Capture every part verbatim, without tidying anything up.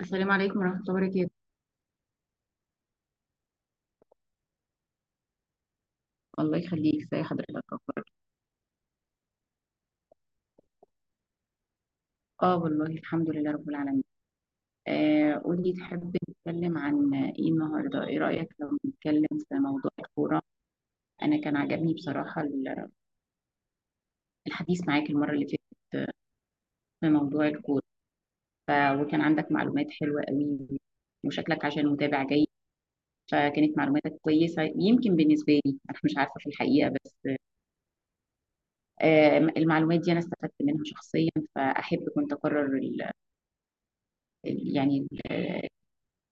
السلام عليكم ورحمة الله وبركاته. الله يخليك، ازي حضرتك؟ اخبارك؟ اه والله، الحمد لله رب العالمين. آه قولي، تحب نتكلم عن ايه النهارده؟ ايه رأيك لو نتكلم في موضوع الكورة؟ انا كان عجبني بصراحة ال- الحديث معاك المرة اللي فاتت في موضوع الكورة. ف... وكان عندك معلومات حلوة قوي، وشكلك عشان متابع جيد، فكانت معلوماتك كويسة يمكن بالنسبة لي، انا مش عارفة في الحقيقة، بس آه المعلومات دي انا استفدت منها شخصيا، فاحب كنت اكرر ال... ال- يعني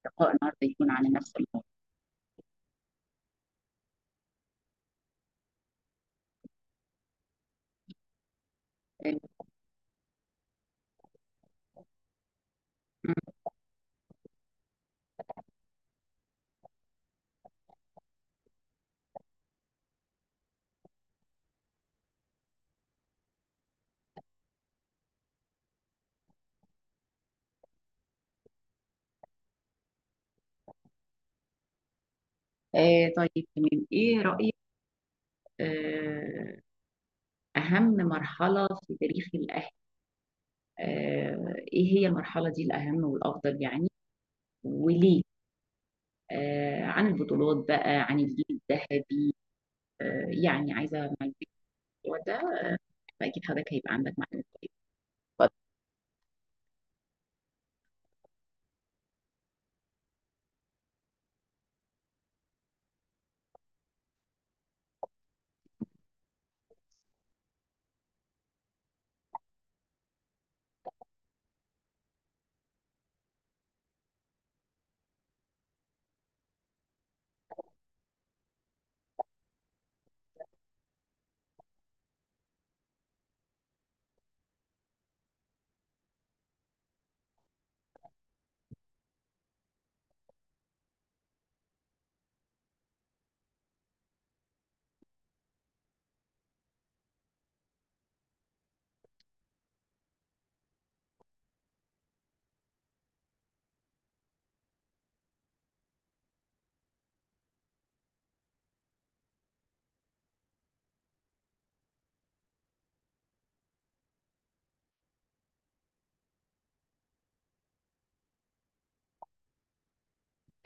لقاء النهارده يكون عن نفس الموضوع. آه طيب تمام، ايه رأيك؟ آه اهم مرحلة في تاريخ الاهل. آه ايه هي المرحلة دي الاهم والافضل يعني؟ وليه؟ آه عن البطولات بقى، عن الجيل الذهبي. آه يعني عايزة معلومات في الموضوع ده، فاكيد حضرتك هيبقى عندك معلومات كويسة. اتفضل.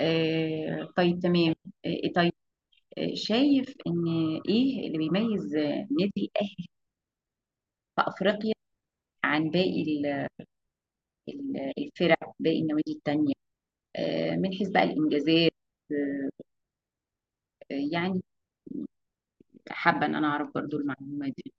آه طيب تمام. آه طيب. آه، شايف ان ايه اللي بيميز آه، نادي الاهلي في افريقيا عن باقي ال- الفرق، باقي النوادي التانية، آه، من حيث بقى الإنجازات، آه، يعني حابة إن أنا أعرف برضو المعلومة دي.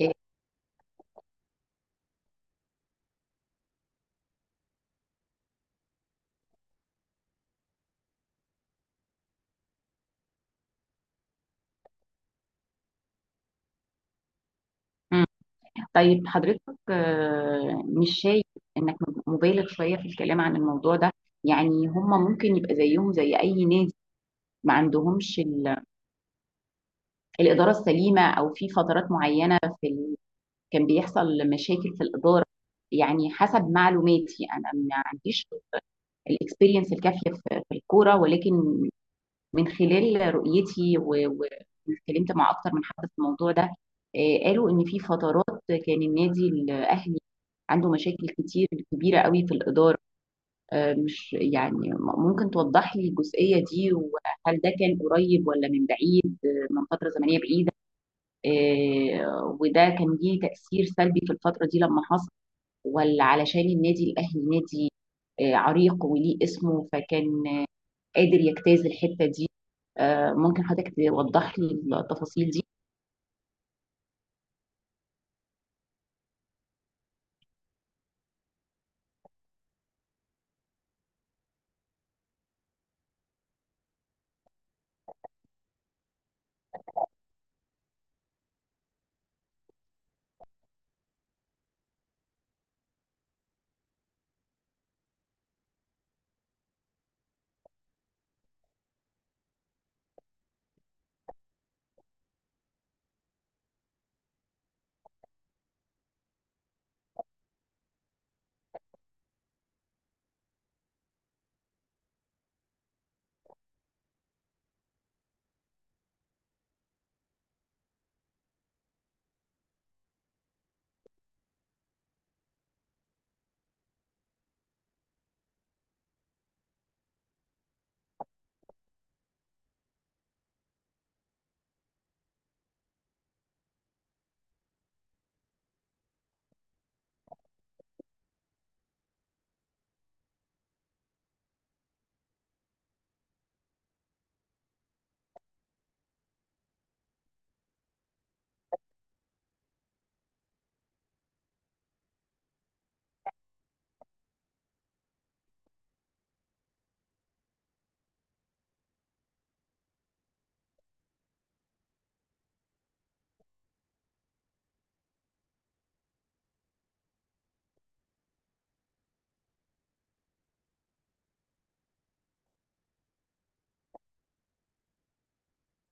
آه، مم. طيب حضرتك، آه، مش شايف إنك مبالغ شوية في الكلام عن الموضوع ده؟ يعني هم ممكن يبقى زيهم زي أي نادي، ما عندهمش ال- الإدارة السليمة، أو في فترات معينة في ال... كان بيحصل مشاكل في الإدارة. يعني حسب معلوماتي، أنا ما عنديش الاكسبيرينس الكافيه في في الكوره، ولكن من خلال رؤيتي و- و- واتكلمت مع اكتر من حد في الموضوع ده. آه، قالوا ان في فترات كان النادي الاهلي عنده مشاكل كتير كبيره قوي في الاداره. آه، مش يعني م- ممكن توضح لي الجزئيه دي؟ وهل ده كان قريب ولا من بعيد؟ آه، من فتره زمنيه بعيده؟ آه، وده كان ليه تاثير سلبي في الفتره دي لما حصل؟ ولا علشان النادي الاهلي نادي آه، عريق وليه اسمه، فكان آه، قادر يجتاز الحته دي؟ آه، ممكن حضرتك توضح لي التفاصيل دي؟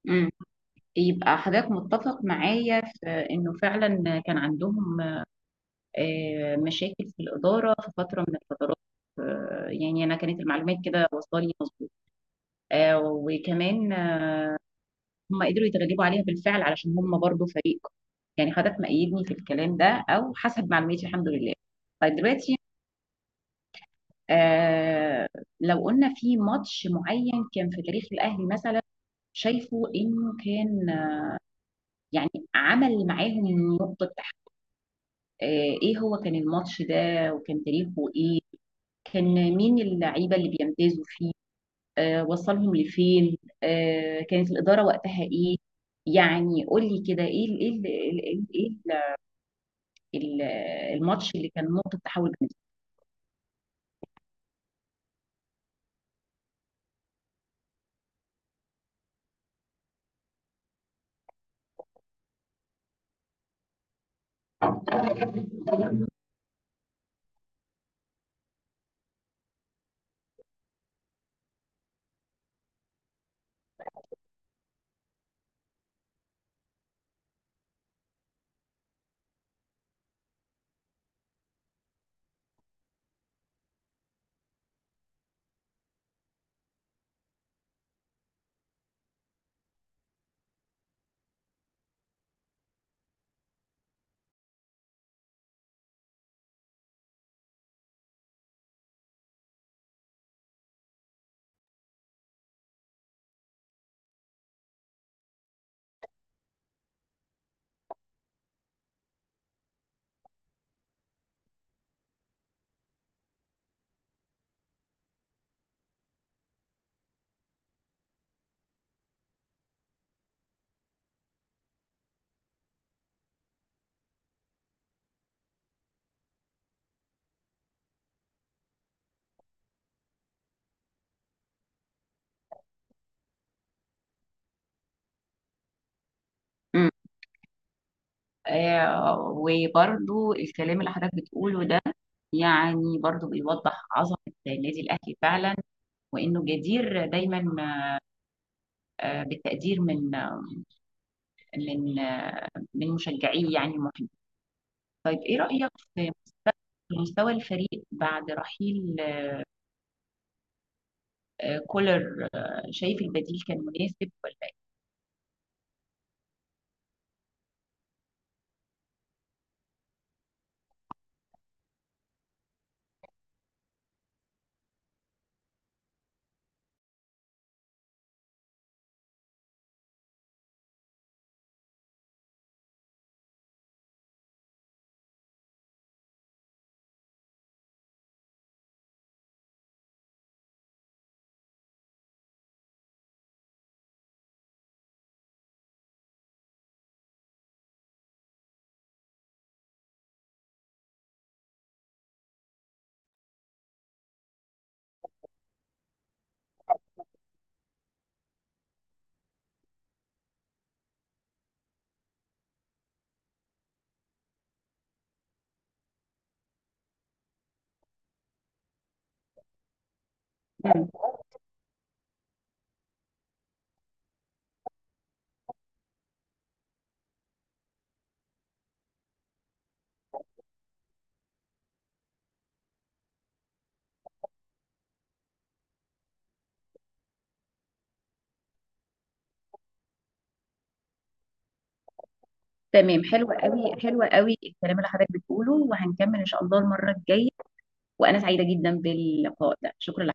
امم يبقى حضرتك متفق معايا في انه فعلا كان عندهم آه، مشاكل في الاداره في فتره من الفترات. آه، يعني انا كانت المعلومات كده واصله لي مظبوط. آه، وكمان آه، هم قدروا يتغلبوا عليها بالفعل، علشان هم برضو فريق. يعني حضرتك مأيدني في الكلام ده، او حسب معلوماتي، الحمد لله. طيب دلوقتي، آه لو قلنا في ماتش معين كان في تاريخ الاهلي، مثلا شايفه انه كان يعني عمل معاهم نقطة تحت. آه، ايه هو كان الماتش ده؟ وكان تاريخه ايه؟ كان مين اللعيبة اللي بيمتازوا فيه؟ آه، وصلهم لفين؟ آه، كانت الإدارة وقتها ايه؟ يعني قول لي كده، ايه ال- ايه ال- ايه ال- إيه ال- الماتش اللي كان نقطة تحول بالنسبة. مم. آه وبرضو الكلام اللي حضرتك بتقوله ده يعني برضو بيوضح عظمة النادي الأهلي فعلا، وإنه جدير دايما آه بالتقدير من من من مشجعيه، يعني المحيط. طيب ايه رأيك في مستوى في مستوى الفريق بعد رحيل آه، كولر؟ آه، شايف البديل كان مناسب ولا؟ إيه؟ مم. تمام، حلو قوي، حلو قوي الكلام اللي حضرتك بتقوله، وهنكمل ان شاء الله المره الجايه. وانا سعيده جدا باللقاء ده. شكرا.